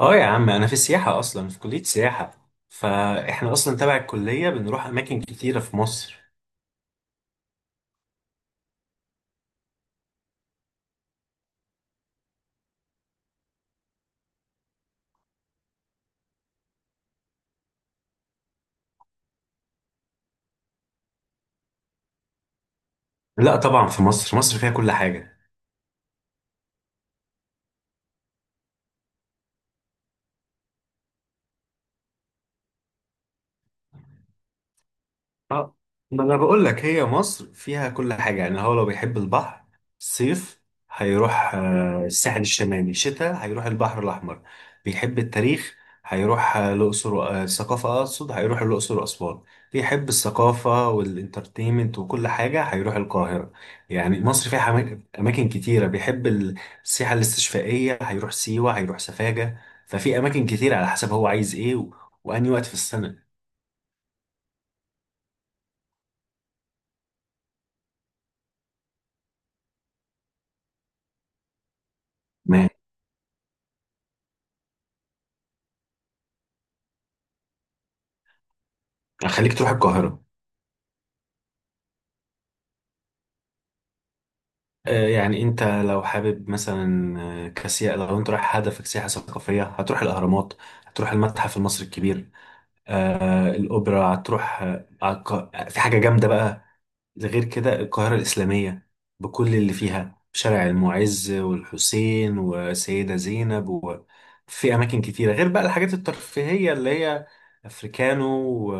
اه يا عم، انا في السياحه اصلا، في كليه سياحه. فاحنا اصلا تبع الكليه بنروح اماكن كتيره في مصر. لا طبعا، في مصر. مصر فيها كل حاجه. اه ما انا بقول لك، هي مصر فيها كل حاجه. يعني هو لو بيحب البحر صيف، هيروح الساحل الشمالي. شتاء هيروح البحر الاحمر. بيحب التاريخ هيروح الاقصر الثقافه اقصد، هيروح الاقصر واسوان. بيحب الثقافه والانترتينمنت وكل حاجه هيروح القاهره. يعني مصر فيها اماكن كتيره. بيحب السياحه الاستشفائيه هيروح سيوه، هيروح سفاجه. ففي اماكن كتير على حسب هو عايز ايه واني وقت في السنه. ما يعني خليك تروح القاهره. يعني انت لو حابب مثلا كسياحة، لو انت رايح هدفك سياحة ثقافية، هتروح الاهرامات، هتروح المتحف المصري الكبير، الاوبرا، هتروح في حاجة جامدة بقى. غير كده القاهرة الإسلامية بكل اللي فيها، شارع المعز والحسين وسيدة زينب، وفي أماكن كتيرة، غير بقى الحاجات الترفيهية اللي هي أفريكانو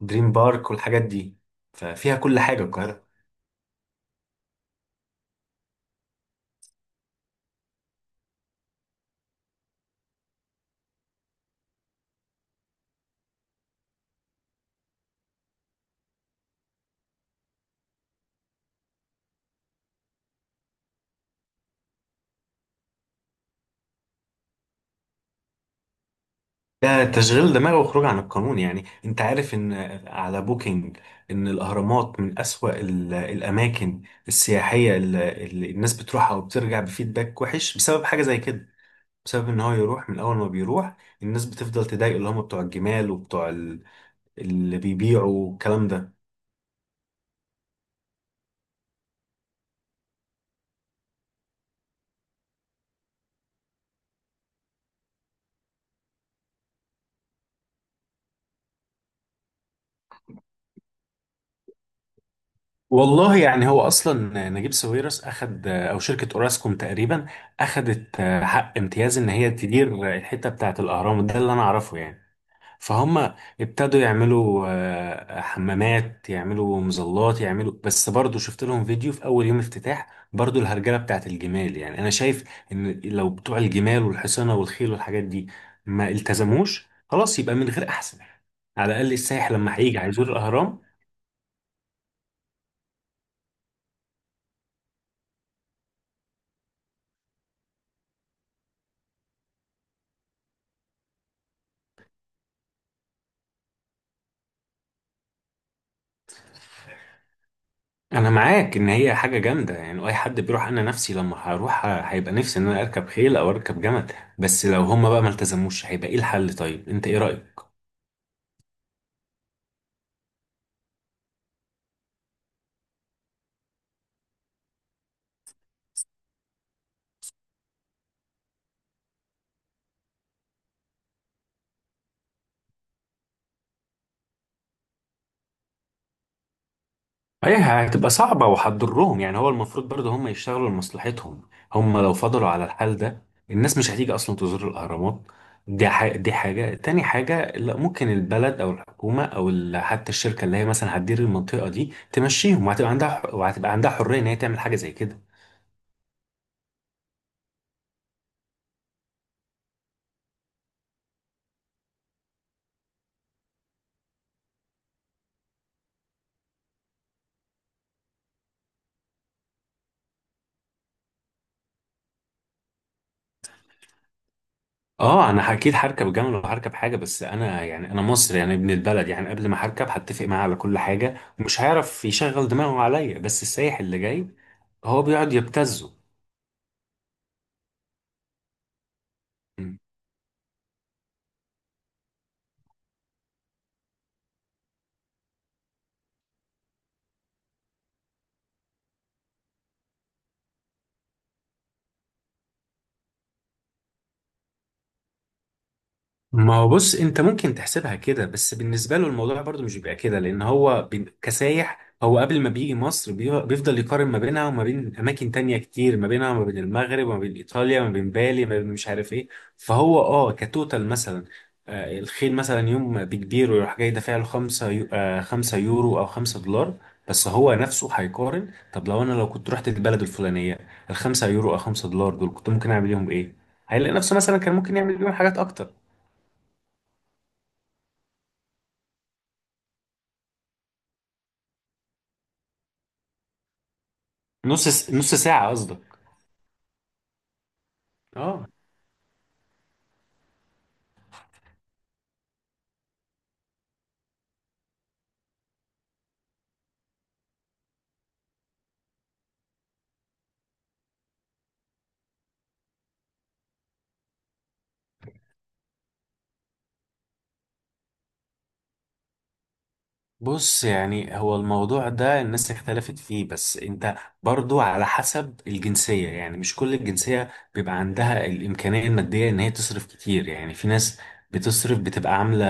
ودريم بارك والحاجات دي. ففيها كل حاجة القاهرة. ده تشغيل دماغ وخروج عن القانون. يعني انت عارف ان على بوكينج، ان الاهرامات من اسوأ الاماكن السياحية اللي الناس بتروحها وبترجع بفيدباك وحش بسبب حاجة زي كده. بسبب ان هو يروح، من اول ما بيروح الناس بتفضل تضايق، اللي هم بتوع الجمال وبتوع اللي بيبيعوا الكلام ده. والله يعني، هو اصلا نجيب ساويرس اخد، او شركة اوراسكوم تقريبا، اخدت حق امتياز ان هي تدير الحتة بتاعت الاهرام ده، اللي انا اعرفه يعني. فهم ابتدوا يعملوا حمامات، يعملوا مظلات يعملوا، بس برضو شفت لهم فيديو في اول يوم افتتاح، برضو الهرجله بتاعت الجمال. يعني انا شايف ان لو بتوع الجمال والحصانه والخيل والحاجات دي ما التزموش، خلاص يبقى من غير احسن، على الاقل السائح لما هيجي هيزور الاهرام. انا معاك ان هي حاجه جامده يعني، اي حد بيروح، انا نفسي لما هروح هيبقى نفسي ان انا اركب خيل او اركب جمل. بس لو هم بقى ما التزموش، هيبقى ايه الحل؟ طيب انت ايه رايك؟ هي هتبقى صعبة وهتضرهم. يعني هو المفروض برضه هم يشتغلوا لمصلحتهم. هم لو فضلوا على الحال ده، الناس مش هتيجي أصلا تزور الأهرامات. دي حاجة، دي حاجة تاني. حاجة، لا، ممكن البلد أو الحكومة أو حتى الشركة اللي هي مثلا هتدير المنطقة دي تمشيهم، وهتبقى عندها حرية إن هي تعمل حاجة زي كده. اه انا اكيد هركب جمل وهركب حاجه، بس انا يعني انا مصري، يعني ابن البلد، يعني قبل ما هركب هتفق معاه على كل حاجه، ومش هيعرف يشغل دماغه عليا. بس السايح اللي جاي هو بيقعد يبتزه. ما هو بص، انت ممكن تحسبها كده، بس بالنسبه له الموضوع برضو مش بيبقى كده، لان هو كسايح، هو قبل ما بيجي مصر بيفضل يقارن ما بينها وما بين اماكن تانية كتير، ما بينها وما بين المغرب وما بين ايطاليا وما بين بالي، ما بين مش عارف ايه. فهو اه كتوتال مثلا، الخيل مثلا يوم بكبير، ويروح جاي دافع له 5 يو... آه، 5 يورو او 5 دولار. بس هو نفسه هيقارن: طب لو انا، لو كنت رحت البلد الفلانيه، ال 5 يورو او 5 دولار دول كنت ممكن اعمل بيهم ايه؟ هيلاقي نفسه مثلا كان ممكن يعمل بيهم حاجات اكتر. نص ساعة قصدك. اه بص، يعني هو الموضوع ده الناس اختلفت فيه، بس انت برضو على حسب الجنسية. يعني مش كل الجنسية بيبقى عندها الإمكانية المادية ان هي تصرف كتير. يعني في ناس بتصرف، بتبقى عاملة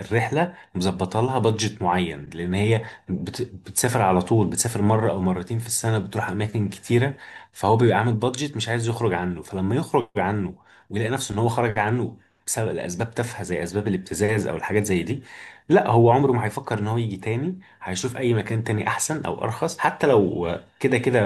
الرحلة مظبطة لها بادجت معين، لأن هي بتسافر على طول، بتسافر مرة أو مرتين في السنة، بتروح أماكن كتيرة. فهو بيبقى عامل بادجت مش عايز يخرج عنه، فلما يخرج عنه ويلاقي نفسه إن هو خرج عنه بسبب الأسباب تافهة، زي أسباب الابتزاز أو الحاجات زي دي، لا، هو عمره ما هيفكر ان هو يجي تاني. هيشوف اي مكان تاني احسن او ارخص، حتى لو كده كده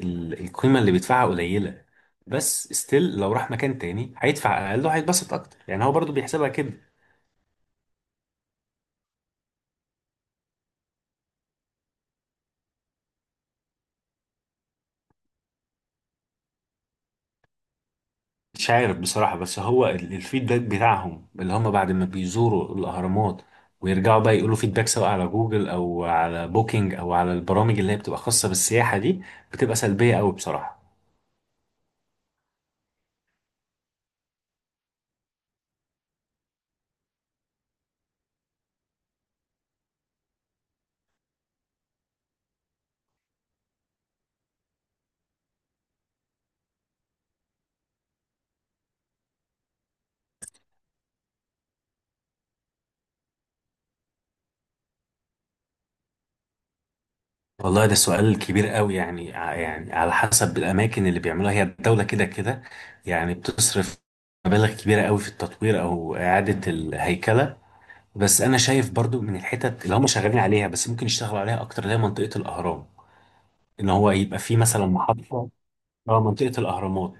القيمة اللي بيدفعها قليلة. بس ستيل لو راح مكان تاني هيدفع اقل وهيتبسط اكتر. يعني هو برضو بيحسبها كده. مش عارف بصراحة، بس هو الفيدباك بتاعهم، اللي هم بعد ما بيزوروا الاهرامات ويرجعوا بقى يقولوا فيدباك، سواء على جوجل او على بوكينج او على البرامج اللي هي بتبقى خاصة بالسياحة دي، بتبقى سلبية قوي بصراحة. والله ده سؤال كبير قوي. يعني يعني على حسب الاماكن اللي بيعملوها. هي الدوله كده كده يعني بتصرف مبالغ كبيره قوي في التطوير او اعاده الهيكله. بس انا شايف برضو من الحتت اللي هم شغالين عليها، بس ممكن يشتغلوا عليها اكتر، اللي هي منطقه الاهرام، ان هو يبقى في مثلا محطه. اه، منطقه الاهرامات.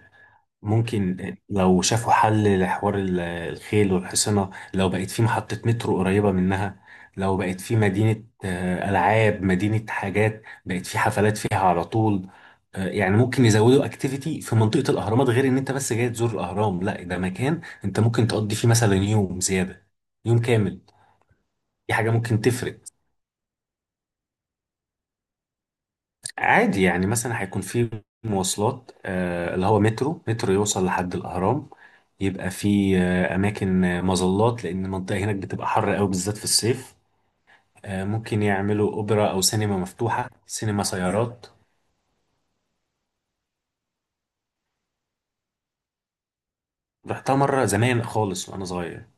ممكن لو شافوا حل لحوار الخيل والحصنة، لو بقت في محطة مترو قريبة منها، لو بقت في مدينة ألعاب، مدينة حاجات، بقت في حفلات فيها على طول. يعني ممكن يزودوا اكتيفيتي في منطقة الأهرامات، غير إن أنت بس جاي تزور الأهرام. لا، ده مكان أنت ممكن تقضي فيه مثلا يوم زيادة، يوم كامل. دي حاجة ممكن تفرق. عادي، يعني مثلا هيكون في مواصلات، اللي هو مترو يوصل لحد الأهرام. يبقى في أماكن، مظلات، لأن المنطقة هناك بتبقى حر أوي بالذات في الصيف. ممكن يعملوا أوبرا أو سينما مفتوحة، سينما سيارات. رحتها مرة زمان خالص وأنا صغير.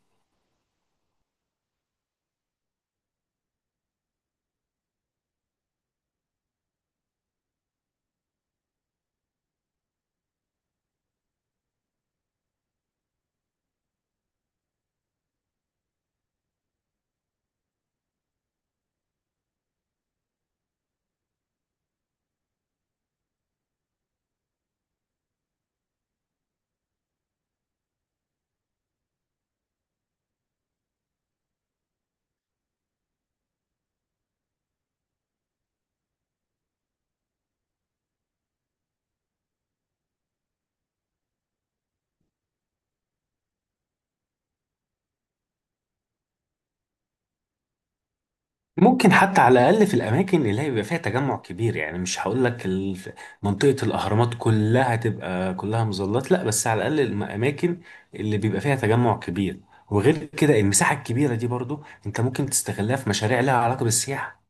ممكن حتى على الأقل في الأماكن اللي هيبقى فيها تجمع كبير. يعني مش هقول لك منطقة الأهرامات كلها تبقى كلها مظلات، لا، بس على الأقل الأماكن اللي بيبقى فيها تجمع كبير. وغير كده المساحة الكبيرة دي برضو أنت ممكن تستغلها في مشاريع لها علاقة بالسياحة.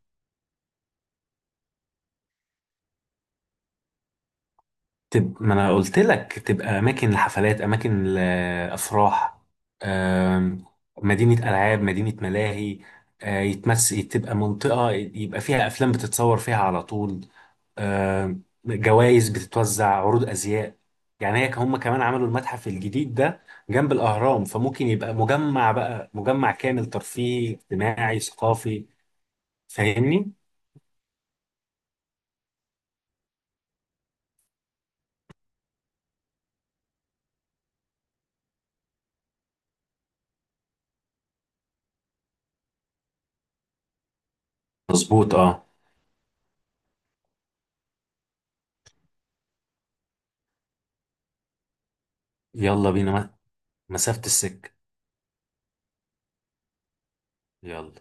تبقى، ما أنا قلت لك، تبقى أماكن لحفلات، أماكن لأفراح، آم، مدينة ألعاب، مدينة ملاهي، آه، يتمس تبقى منطقة يبقى فيها أفلام بتتصور فيها على طول. آه، جوائز بتتوزع، عروض ازياء. يعني هي، هم كمان عملوا المتحف الجديد ده جنب الاهرام، فممكن يبقى مجمع، بقى مجمع كامل ترفيهي اجتماعي ثقافي. فاهمني. مظبوط اه. يلا بينا، مسافة السكة. يلا.